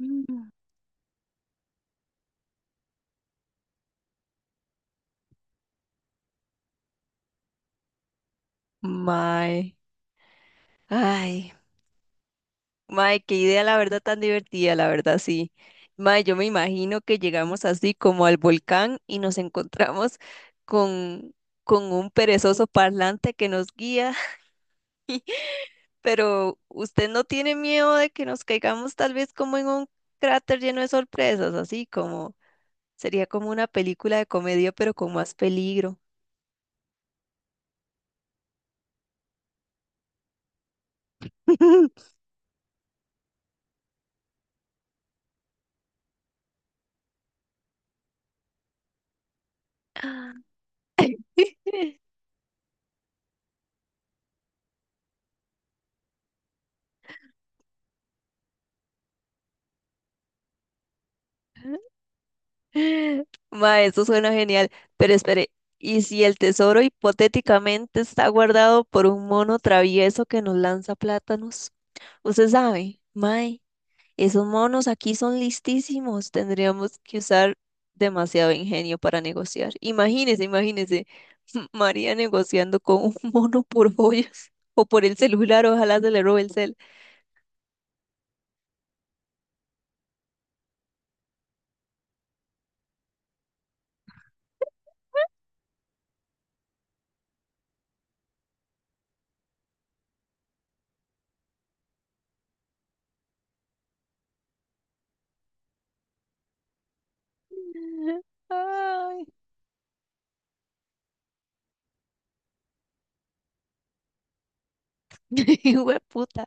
Mm. Mae, ay, mae, qué idea la verdad tan divertida, la verdad sí. Mae, yo me imagino que llegamos así como al volcán y nos encontramos con, con un perezoso parlante que nos guía, pero ¿usted no tiene miedo de que nos caigamos tal vez como en un cráter lleno de sorpresas, así como sería como una película de comedia, pero con más peligro? Ma, eso suena genial. Pero espere, ¿y si el tesoro hipotéticamente está guardado por un mono travieso que nos lanza plátanos? Usted sabe, mae, esos monos aquí son listísimos. Tendríamos que usar demasiado ingenio para negociar. Imagínese, imagínese, María negociando con un mono por joyas o por el celular, ojalá se le robe el cel. Ay, hueputa.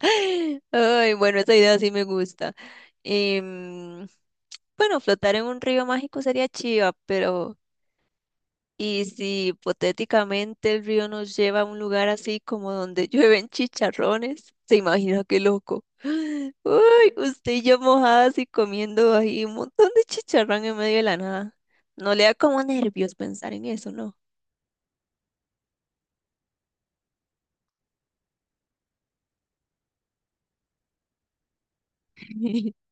Ay, bueno, esa idea sí me gusta. Em, bueno, flotar en un río mágico sería chiva, pero y si hipotéticamente el río nos lleva a un lugar así como donde llueven chicharrones, se imagina qué loco. Uy, usted y yo mojadas y comiendo ahí un montón de chicharrón en medio de la nada. No le da como nervios pensar en eso, ¿no?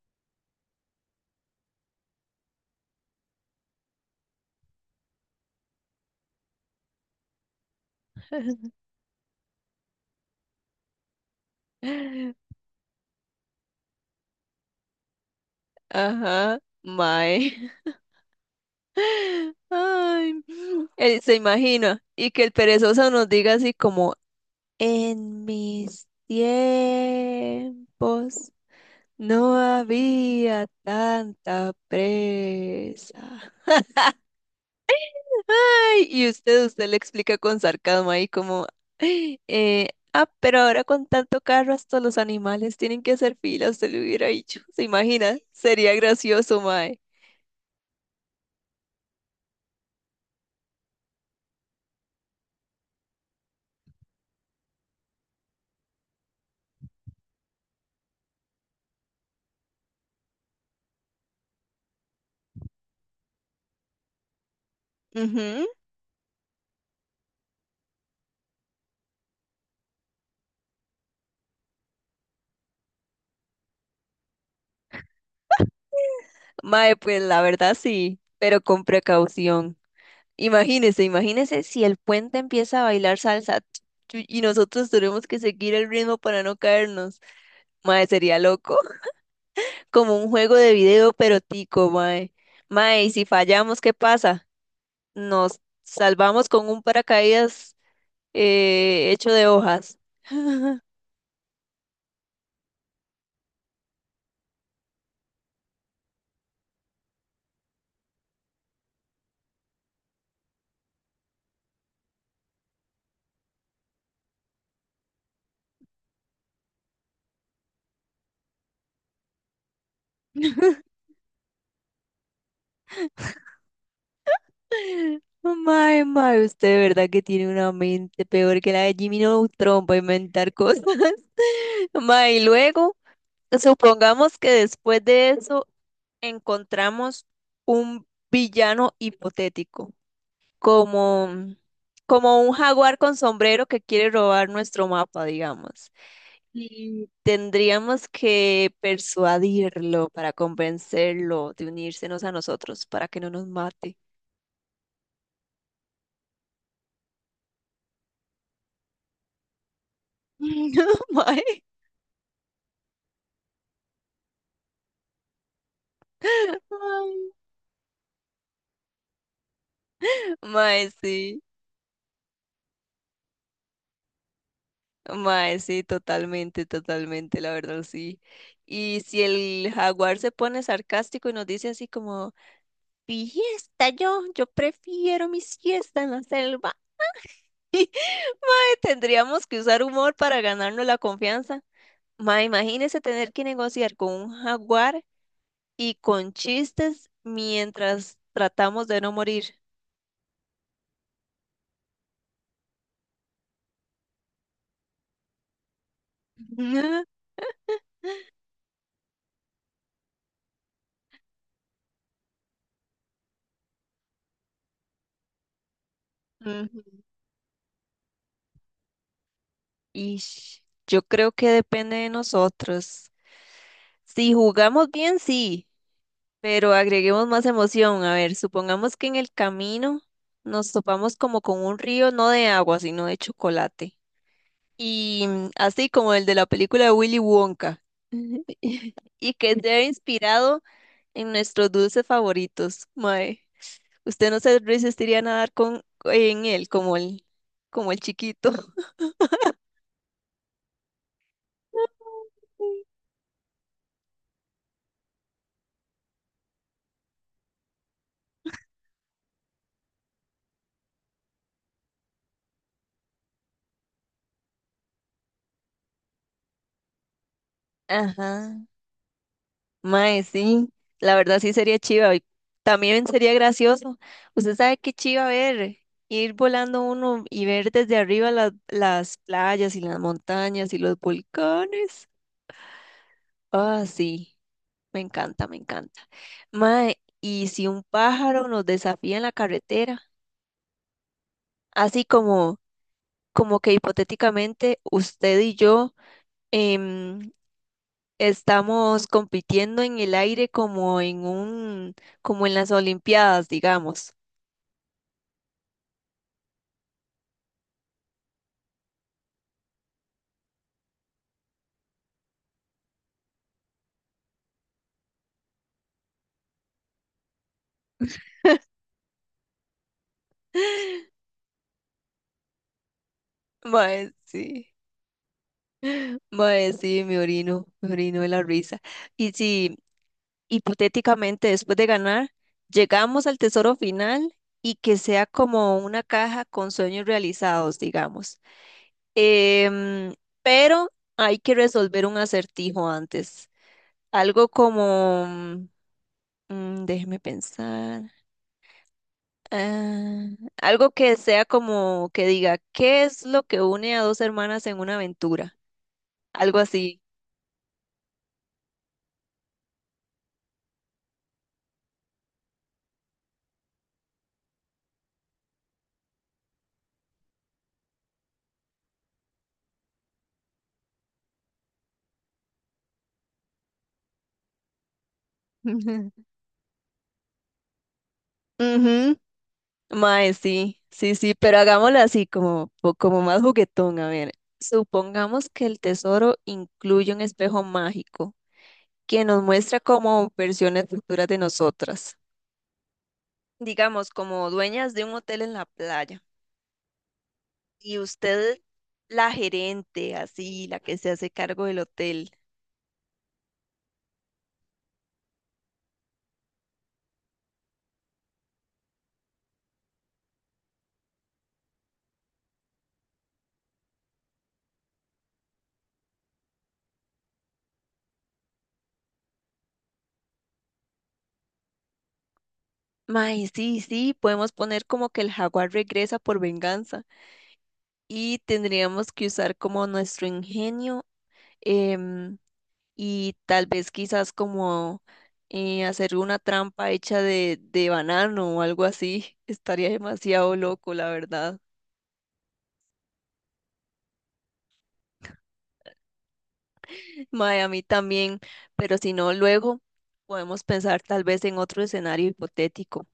Ajá, mae. Ay, él se imagina. Y que el perezoso nos diga así como, en mis tiempos. No había tanta presa. Ay, y usted le explica con sarcasmo ahí como, "Ay, pero ahora con tanto carro hasta los animales tienen que hacer fila", usted le hubiera dicho, ¿se imagina? Sería gracioso, mae. Ujú. Mae, pues la verdad sí, pero con precaución. Imagínese, imagínese si el puente empieza a bailar salsa y nosotros tenemos que seguir el ritmo para no caernos. Mae, sería loco. Como un juego de video, pero tico, mae. Mae, y si fallamos, ¿qué pasa? Nos salvamos con un paracaídas hecho de hojas. Mae, mae, usted de verdad que tiene una mente peor que la de Jimmy Neutron para inventar cosas. Mae, y luego, supongamos que después de eso encontramos un villano hipotético. como, Como un jaguar con sombrero que quiere robar nuestro mapa, digamos. Y tendríamos que persuadirlo para convencerlo de unírsenos a nosotros para que no nos mate. No, mae, ay, mae, sí, mae, sí, totalmente, totalmente, la verdad, sí. Y si el jaguar se pone sarcástico y nos dice así como, fiesta yo prefiero mi siesta en la selva. Tendríamos que usar humor para ganarnos la confianza. Ma, imagínese tener que negociar con un jaguar y con chistes mientras tratamos de no morir. Y yo creo que depende de nosotros. Si jugamos bien, sí, pero agreguemos más emoción. A ver, supongamos que en el camino nos topamos como con un río, no de agua, sino de chocolate. Y así como el de la película de Willy Wonka, y que se ha inspirado en nuestros dulces favoritos. Mae, usted no se resistiría a nadar con, en él como el chiquito. Ajá. Mae, sí, la verdad sí sería chiva. Y también sería gracioso. Usted sabe qué chiva ver, ir volando uno y ver desde arriba las playas y las montañas y los volcanes. Ah, sí. Me encanta, me encanta. Mae, ¿y si un pájaro nos desafía en la carretera? Así como, como que hipotéticamente usted y yo em, estamos compitiendo en el aire como en un, como en las Olimpiadas, digamos. Mae, sí. Mae, sí, me orino de la risa. Y si hipotéticamente después de ganar, llegamos al tesoro final y que sea como una caja con sueños realizados, digamos. Em, pero hay que resolver un acertijo antes. Algo como, déjeme pensar, ah, algo que sea como que diga, ¿qué es lo que une a dos hermanas en una aventura? Algo así. Ujú. Mae, sí, sí, sí, pero hagámoslo así, como, po- como más juguetón. A ver, supongamos que el tesoro incluye un espejo mágico que nos muestra como versiones futuras de nosotras. Digamos, como dueñas de un hotel en la playa y usted la gerente, así, la que se hace cargo del hotel. Mae, sí, sí, podemos poner como que el jaguar regresa por venganza y tendríamos que usar como nuestro ingenio. em, y tal vez quizás como hacer una trampa hecha de banano o algo así. Estaría demasiado loco, la verdad. Mae, a mí también, pero si no, luego podemos pensar tal vez en otro escenario hipotético.